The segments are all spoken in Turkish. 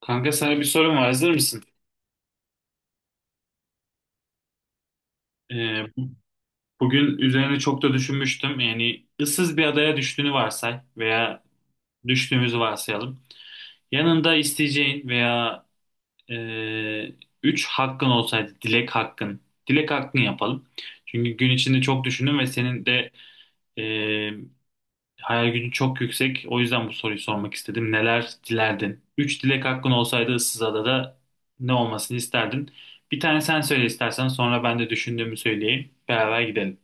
Kanka sana bir sorum var. Hazır mısın? Ee, Bugün üzerine çok da düşünmüştüm. Yani ıssız bir adaya düştüğünü varsay veya düştüğümüzü varsayalım. Yanında isteyeceğin veya e, üç hakkın olsaydı, dilek hakkın. Dilek hakkın yapalım. Çünkü gün içinde çok düşündüm ve senin de e, hayal gücün çok yüksek. O yüzden bu soruyu sormak istedim. Neler dilerdin? Üç dilek hakkın olsaydı ıssız adada ne olmasını isterdin? Bir tane sen söyle istersen sonra ben de düşündüğümü söyleyeyim. Beraber gidelim.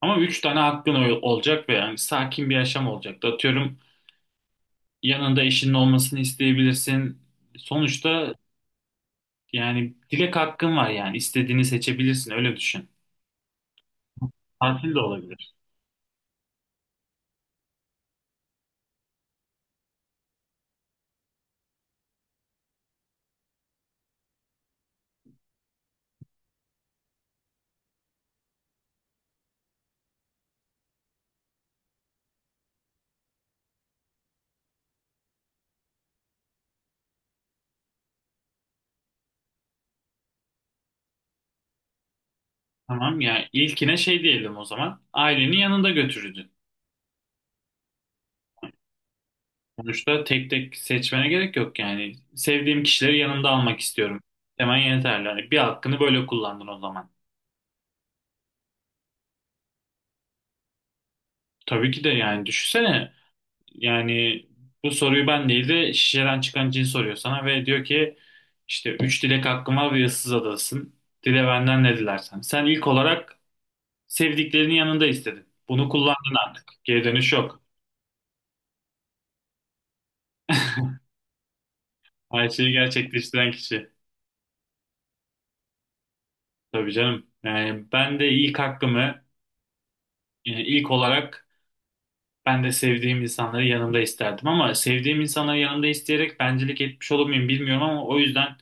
Ama üç tane hakkın olacak ve yani sakin bir yaşam olacak. Atıyorum yanında eşinin olmasını isteyebilirsin. Sonuçta yani dilek hakkın var, yani istediğini seçebilirsin, öyle düşün. Tatil de olabilir. Tamam, yani ilkine şey diyelim o zaman. Ailenin yanında götürürdün. Sonuçta tek tek seçmene gerek yok yani. Sevdiğim kişileri yanımda almak istiyorum. Hemen yeterli. Hani bir hakkını böyle kullandın o zaman. Tabii ki de, yani düşünsene. Yani bu soruyu ben değil de şişeden çıkan cin soruyor sana ve diyor ki işte üç dilek hakkım var ve ıssız adasın. Dile benden ne dilersen. Sen ilk olarak sevdiklerinin yanında istedin. Bunu kullandın artık. Geri dönüş yok. Her şeyi gerçekleştiren kişi. Tabii canım. Yani ben de ilk hakkımı, yani ilk olarak, ben de sevdiğim insanları yanımda isterdim ama sevdiğim insanları yanımda isteyerek bencilik etmiş olur muyum bilmiyorum ama o yüzden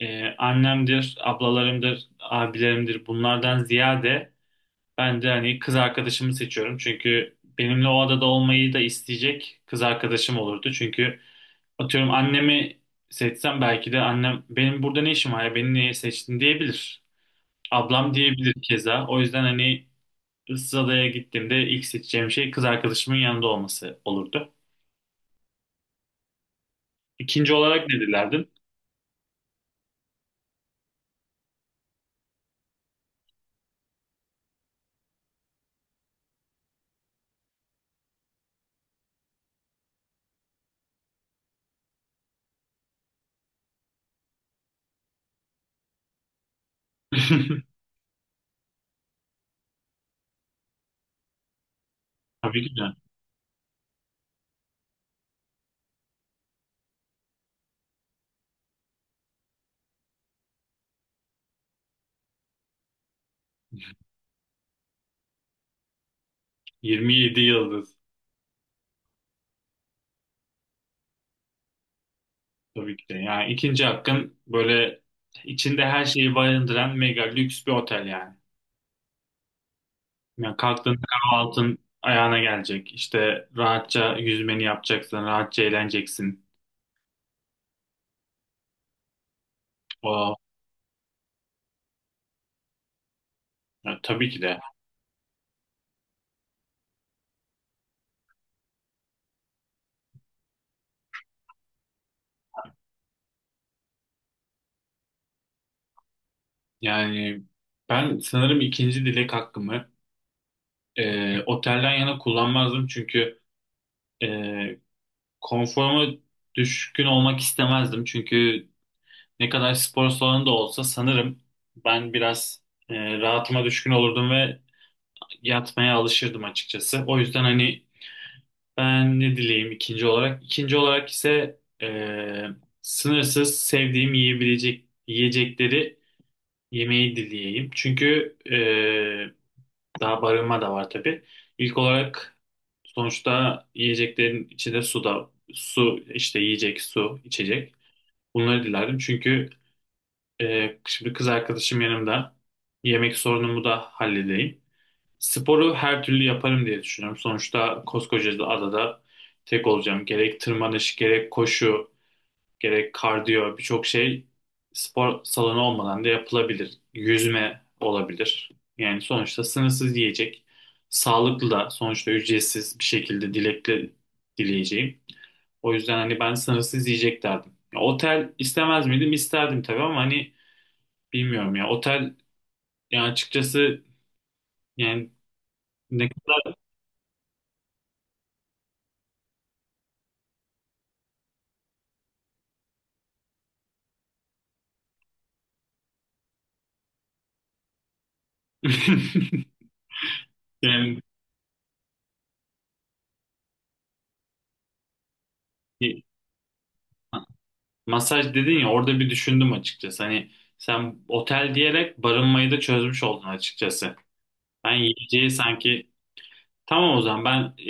annemdir, ablalarımdır, abilerimdir, bunlardan ziyade ben de hani kız arkadaşımı seçiyorum. Çünkü benimle o adada olmayı da isteyecek kız arkadaşım olurdu. Çünkü atıyorum annemi seçsem belki de annem benim burada ne işim var ya, beni niye seçtin diyebilir. Ablam diyebilir keza. O yüzden hani Issız Adaya gittiğimde ilk seçeceğim şey kız arkadaşımın yanında olması olurdu. İkinci olarak ne dilerdin? Tabii ki de. 27 yıldız. Tabii ki de. Yani ikinci hakkın böyle içinde her şeyi barındıran mega lüks bir otel yani. Yani kalktığında kahvaltın ayağına gelecek. İşte rahatça yüzmeni yapacaksın, rahatça eğleneceksin. O, ya tabii ki de. Yani ben sanırım ikinci dilek hakkımı otelden yana kullanmazdım, çünkü e, konforuma düşkün olmak istemezdim. Çünkü ne kadar spor salonu da olsa sanırım ben biraz rahatıma düşkün olurdum ve yatmaya alışırdım açıkçası. O yüzden hani ben ne dileyim ikinci olarak. İkinci olarak ise sınırsız sevdiğim yiyebilecek yiyecekleri yemeyi dileyeyim. Çünkü daha barınma da var tabii. İlk olarak sonuçta yiyeceklerin içinde su da, su işte yiyecek, su içecek. Bunları dilerdim çünkü şimdi kız arkadaşım yanımda. Yemek sorunumu da halledeyim. Sporu her türlü yaparım diye düşünüyorum. Sonuçta koskoca da adada tek olacağım. Gerek tırmanış, gerek koşu, gerek kardiyo, birçok şey spor salonu olmadan da yapılabilir. Yüzme olabilir. Yani sonuçta sınırsız yiyecek. Sağlıklı da sonuçta, ücretsiz bir şekilde dilekle dileyeceğim. O yüzden hani ben sınırsız yiyecek derdim. Ya, otel istemez miydim? İsterdim tabii ama hani bilmiyorum ya. Otel, yani açıkçası, yani ne kadar yani bir- masaj dedin ya, orada bir düşündüm açıkçası. Hani sen otel diyerek barınmayı da çözmüş oldun açıkçası. Ben yiyeceği sanki, tamam o zaman ben,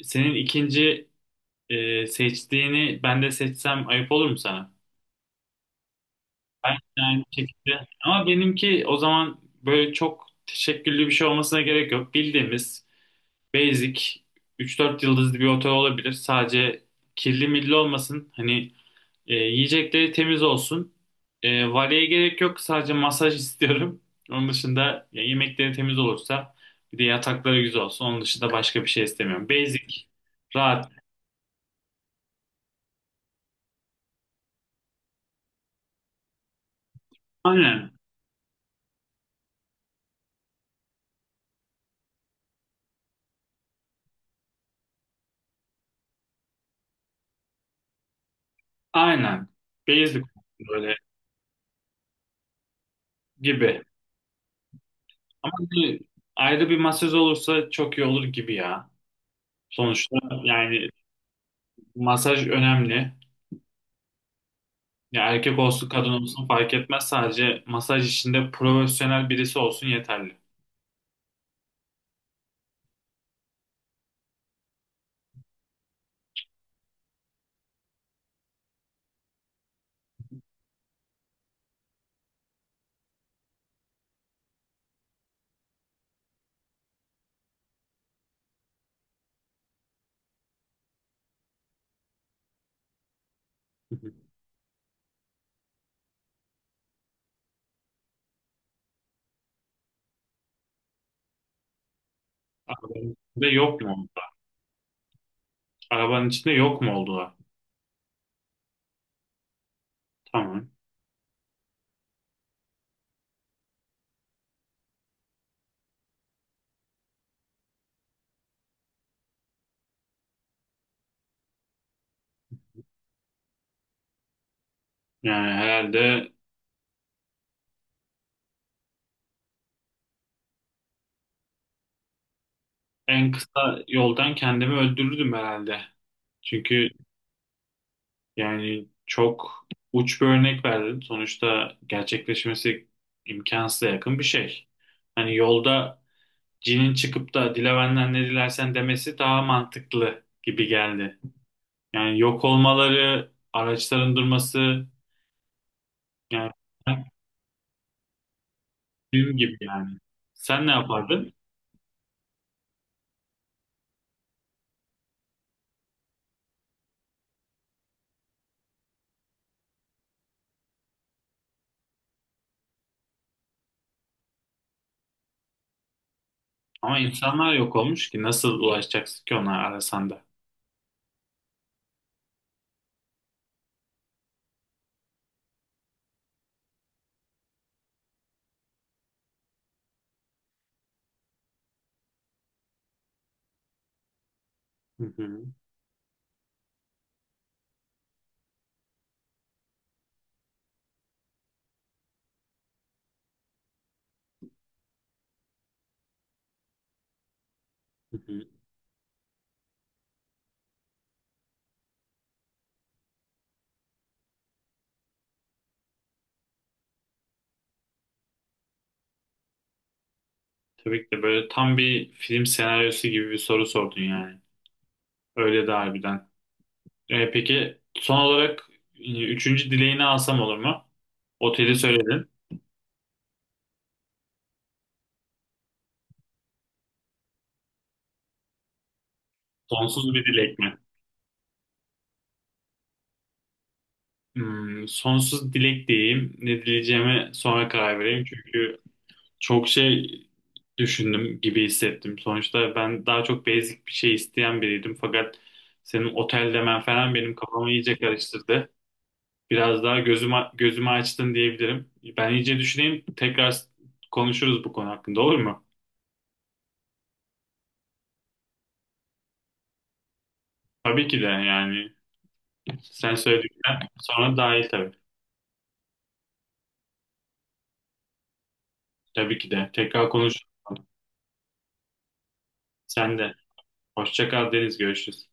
senin ikinci seçtiğini ben de seçsem ayıp olur mu sana? Ben yani bir şekilde, ama benimki o zaman böyle çok teşekküllü bir şey olmasına gerek yok. Bildiğimiz basic üç dört yıldızlı bir otel olabilir. Sadece kirli milli olmasın. Hani yiyecekleri temiz olsun. E, valeye gerek yok. Sadece masaj istiyorum. Onun dışında ya, yemekleri temiz olursa bir de yatakları güzel olsun. Onun dışında başka bir şey istemiyorum. Basic, rahat. Aynen, aynen. Basic böyle gibi. Ama bir- Ayrı bir masaj olursa çok iyi olur gibi ya. Sonuçta yani masaj önemli. Ya erkek olsun kadın olsun fark etmez. Sadece masaj işinde profesyonel birisi olsun yeterli. Hı hı. Arabanın içinde yok mu oldular? Arabanın içinde yok mu oldular? Tamam. Yani herhalde en kısa yoldan kendimi öldürürdüm herhalde. Çünkü yani çok uç bir örnek verdim. Sonuçta gerçekleşmesi imkansıza yakın bir şey. Hani yolda cinin çıkıp da dile benden ne dilersen demesi daha mantıklı gibi geldi. Yani yok olmaları, araçların durması, yani film gibi yani. Sen ne yapardın? Ama insanlar yok olmuş ki, nasıl ulaşacaksın ki ona arasan da? Hı hı, hı hı. Tabii ki de böyle tam bir film senaryosu gibi bir soru sordun yani. Öyle de harbiden. E, peki son olarak üçüncü dileğini alsam olur mu? Oteli söyledin. Sonsuz bir dilek mi? Hmm, sonsuz dilek diyeyim. Ne dileyeceğime sonra karar vereyim. Çünkü çok şey düşündüm gibi hissettim. Sonuçta ben daha çok basic bir şey isteyen biriydim. Fakat senin otel demen falan benim kafamı iyice karıştırdı. Biraz daha gözümü, gözümü açtın diyebilirim. Ben iyice düşüneyim. Tekrar konuşuruz bu konu hakkında, olur mu? Tabii ki de yani. Sen söyledikten sonra dahil tabii. Tabii ki de. Tekrar konuşuruz. Sen de. Hoşça kal Deniz. Görüşürüz.